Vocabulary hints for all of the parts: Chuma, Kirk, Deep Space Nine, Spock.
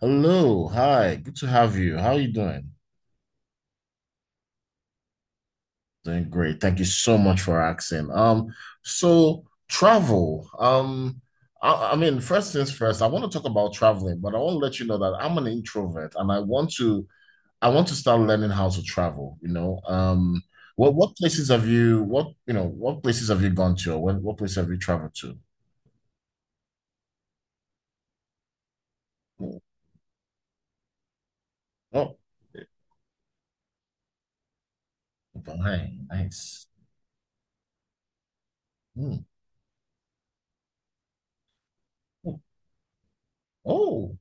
Hello, hi, good to have you. How are you doing? Doing great. Thank you so much for asking. So travel. I mean, first things first, I want to talk about traveling, but I want to let you know that I'm an introvert and I want to start learning how to travel. What places have you what places have you gone to or what place have you traveled to? Oh, oh, hi, nice. Hmm. Oh,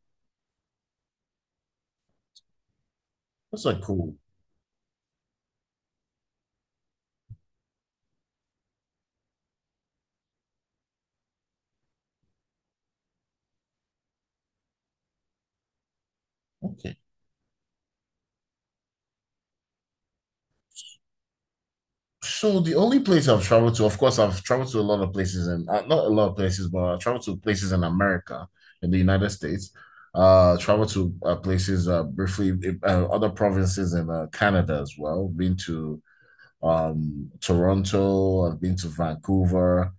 that's like cool. Okay. So the only place I've traveled to, of course, I've traveled to a lot of places and not a lot of places, but I traveled to places in America, in the United States. Traveled to places briefly, other provinces in Canada as well. Been to Toronto. I've been to Vancouver,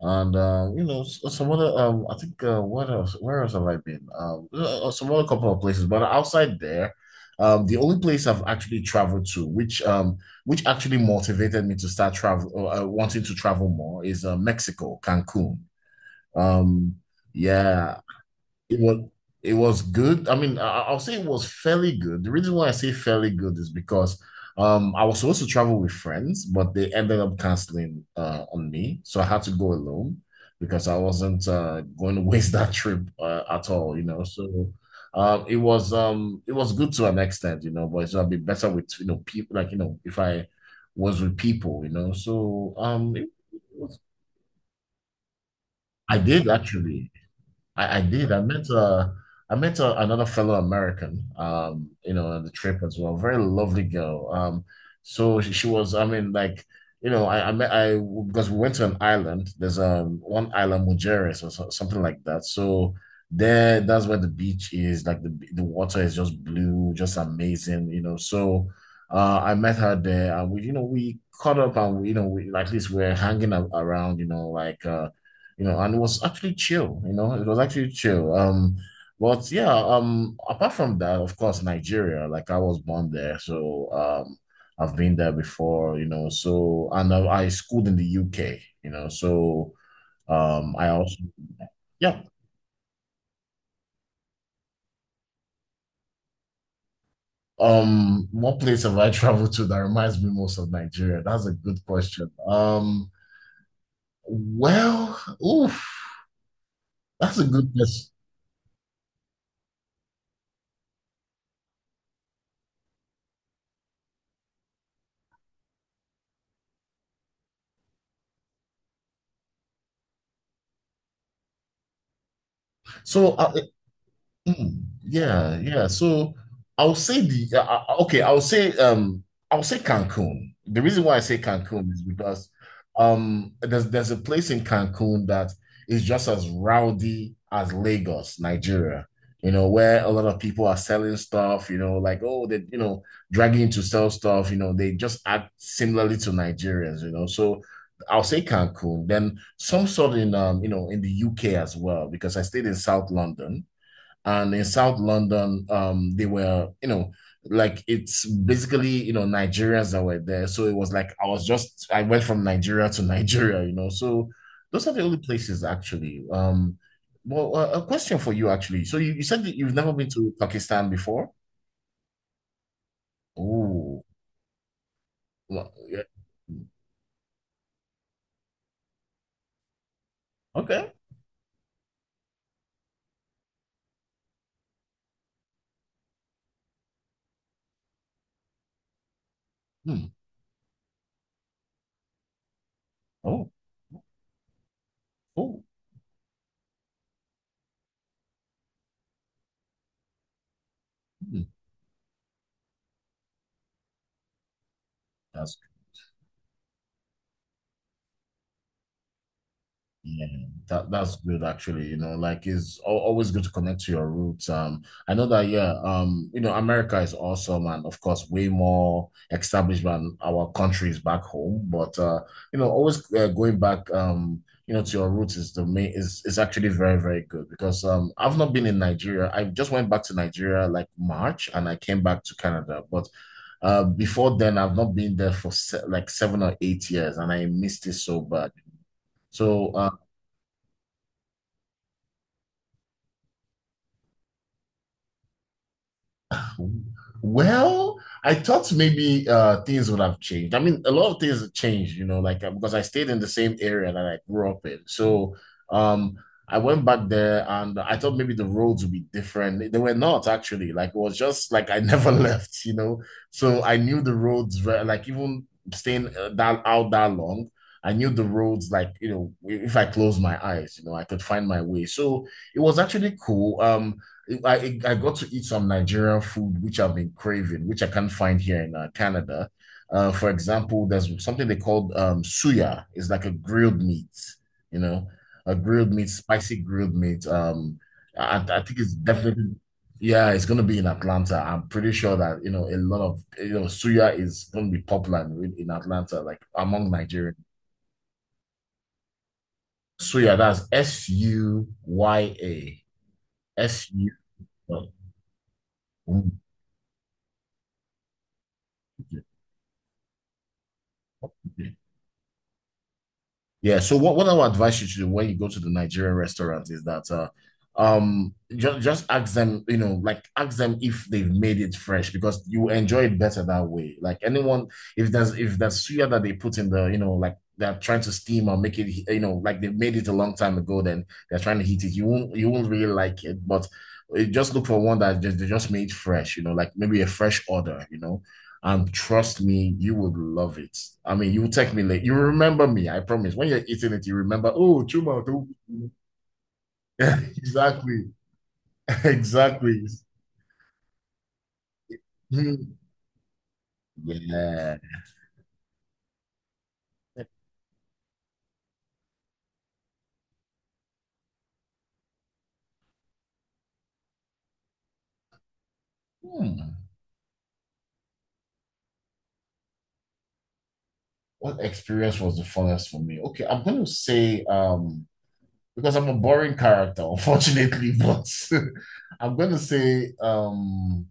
and some other. I think what else? Where else have I been? Some other couple of places, but outside there, the only place I've actually traveled to, which actually motivated me to start wanting to travel more, is Mexico, Cancun. Um, yeah, it was it was good. I mean, I'll say it was fairly good. The reason why I say fairly good is because I was supposed to travel with friends, but they ended up canceling on me, so I had to go alone because I wasn't going to waste that trip at all, you know. So it was good to an extent, you know, but it's gonna be better with people if I was with people, you know. So it was, I did actually. I did. I met another fellow American on the trip as well. Very lovely girl. She was I mean like you know I met I because we went to an island. There's one island Mujeres or so, something like that. So there that's where the beach is like the water is just blue, just amazing, you know. So I met her there and we you know we caught up and we, you know we at least we're hanging around, you know, like and it was actually chill, you know, it was actually chill. But yeah, apart from that, of course, Nigeria, like I was born there, so I've been there before, you know, so and I schooled in the UK, you know, so um, I also, yeah, what place have I traveled to that reminds me most of Nigeria? That's a good question. Well, oof, that's a good question. So mm, yeah, yeah. So I'll say the okay. I'll say Cancun. The reason why I say Cancun is because there's a place in Cancun that is just as rowdy as Lagos, Nigeria. You know, where a lot of people are selling stuff. You know, like oh they you know dragging to sell stuff. You know, they just act similarly to Nigerians. You know, so. I'll say Cancun, then some sort in in the UK as well, because I stayed in South London and in South London, they were, you know, like it's basically, you know, Nigerians that were there. So it was like I was just I went from Nigeria to Nigeria, you know. So those are the only places actually. Well, a question for you actually. So you said that you've never been to Pakistan before. Oh, well, yeah. Okay. Hmm. Oh, oh, hmm. That's Yeah, that that's good actually. You know, like it's always good to connect to your roots. I know that yeah. You know, America is awesome and of course way more established than our countries back home. But you know, always going back you know, to your roots is the main is actually very very good because I've not been in Nigeria. I just went back to Nigeria like March and I came back to Canada, but. Before then, I've not been there for se like 7 or 8 years, and I missed it so bad. So well, I thought maybe things would have changed. I mean, a lot of things have changed, you know, like because I stayed in the same area that I grew up in. So um, I went back there and I thought maybe the roads would be different. They were not actually. Like it was just like I never left, you know. So I knew the roads were like even staying that long. I knew the roads, like, you know, if I closed my eyes, you know, I could find my way. So it was actually cool. I got to eat some Nigerian food, which I've been craving, which I can't find here in Canada. For example, there's something they called suya. It's like a grilled meat, you know, a grilled meat, spicy grilled meat. I think it's definitely, yeah, it's going to be in Atlanta. I'm pretty sure that, you know, a lot of, you know, suya is going to be popular in Atlanta, like among Nigerians. Suya, that's Suya. S U. Yeah. So what I would advise you to do when you go to the Nigerian restaurant is that just ask them, you know, like ask them if they've made it fresh because you enjoy it better that way. Like anyone, if there's suya that they put in the, you know, like they're trying to steam or make it, you know, like they made it a long time ago, then they're trying to heat it. You won't really like it, but eh, just look for one that just they just made fresh, you know, like maybe a fresh order, you know. And trust me, you would love it. I mean, you will text me late. You remember me, I promise. When you're eating it, you remember, oh, Chuma. Do Exactly. Exactly. Yeah. Hmm. What experience was the funnest for me? Okay, I'm gonna say because I'm a boring character, unfortunately, but I'm gonna say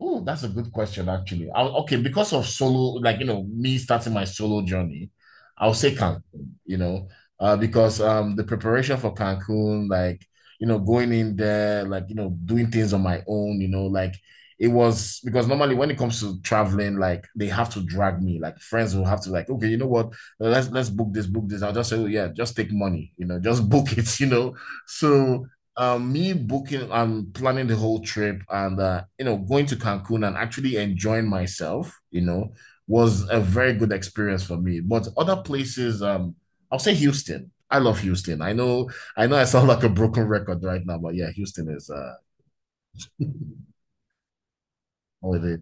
oh, that's a good question, actually. I, okay, because of solo, like you know, me starting my solo journey, I'll say Cancun, you know, because the preparation for Cancun, like you know, going in there, like you know, doing things on my own, you know, like it was because normally when it comes to traveling, like they have to drag me, like friends will have to like, okay, you know what, let's book this, book this. I'll just say, oh yeah, just take money, you know, just book it, you know. So me booking and planning the whole trip and you know going to Cancun and actually enjoying myself, you know, was a very good experience for me. But other places, I'll say Houston. I love Houston. I know, I sound like a broken record right now, but yeah, Houston is holiday.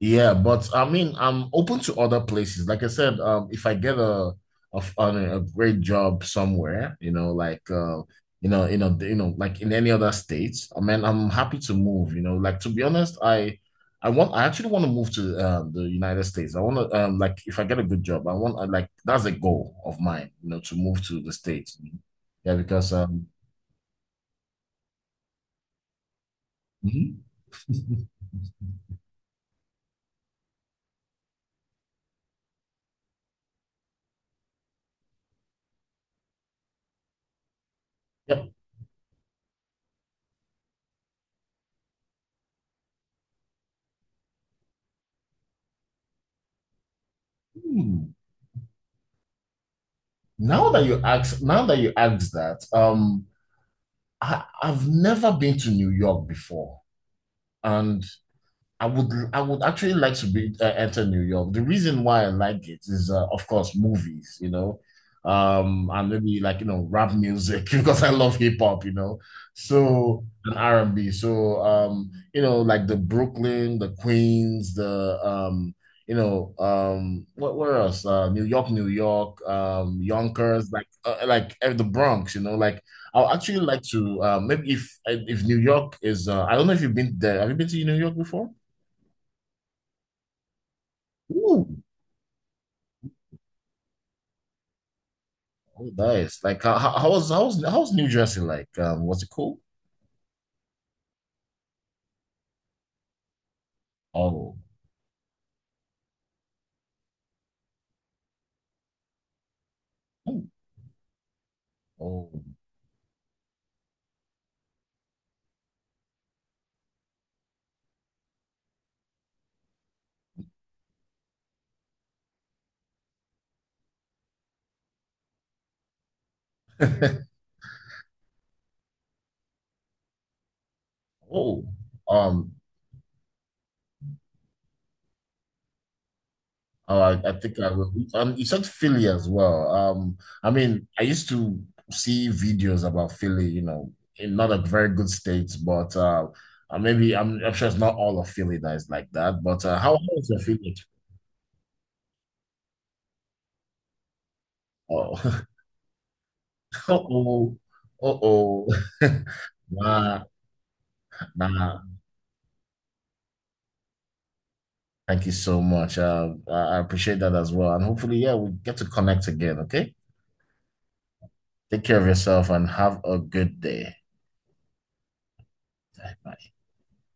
Yeah, but I mean, I'm open to other places. Like I said, if I get a great job somewhere, you know, like like in any other states, I mean, I'm happy to move. You know, like to be honest, I want I actually want to move to the United States. I want to like if I get a good job, like that's a goal of mine. You know, to move to the states. Yeah, because mhm. Yeah. Hmm. Now that you ask that, I've never been to New York before, and I would I would actually like to be enter New York. The reason why I like it is, of course, movies, you know, and maybe like you know rap music because I love hip hop, you know, so and R and B. So you know, like the Brooklyn, the Queens, the what where else? New York, New York, Yonkers, like the Bronx, you know, like. I'll actually like to maybe if New York is I don't know if you've been there. Have you been to New York before? Ooh, oh, nice. Like how was New Jersey like? Was it cool? Oh, ooh, oh, oh. Um, oh, I think I will. You said Philly as well. I mean, I used to see videos about Philly. You know, in not a very good state, but maybe I'm sure it's not all of Philly that is like that. But how is your Philly? Oh, oh, oh, oh. Nah, nah. Thank you so much. I appreciate that as well. And hopefully, yeah, we get to connect again. Okay. Take care of yourself and have a good day. Bye.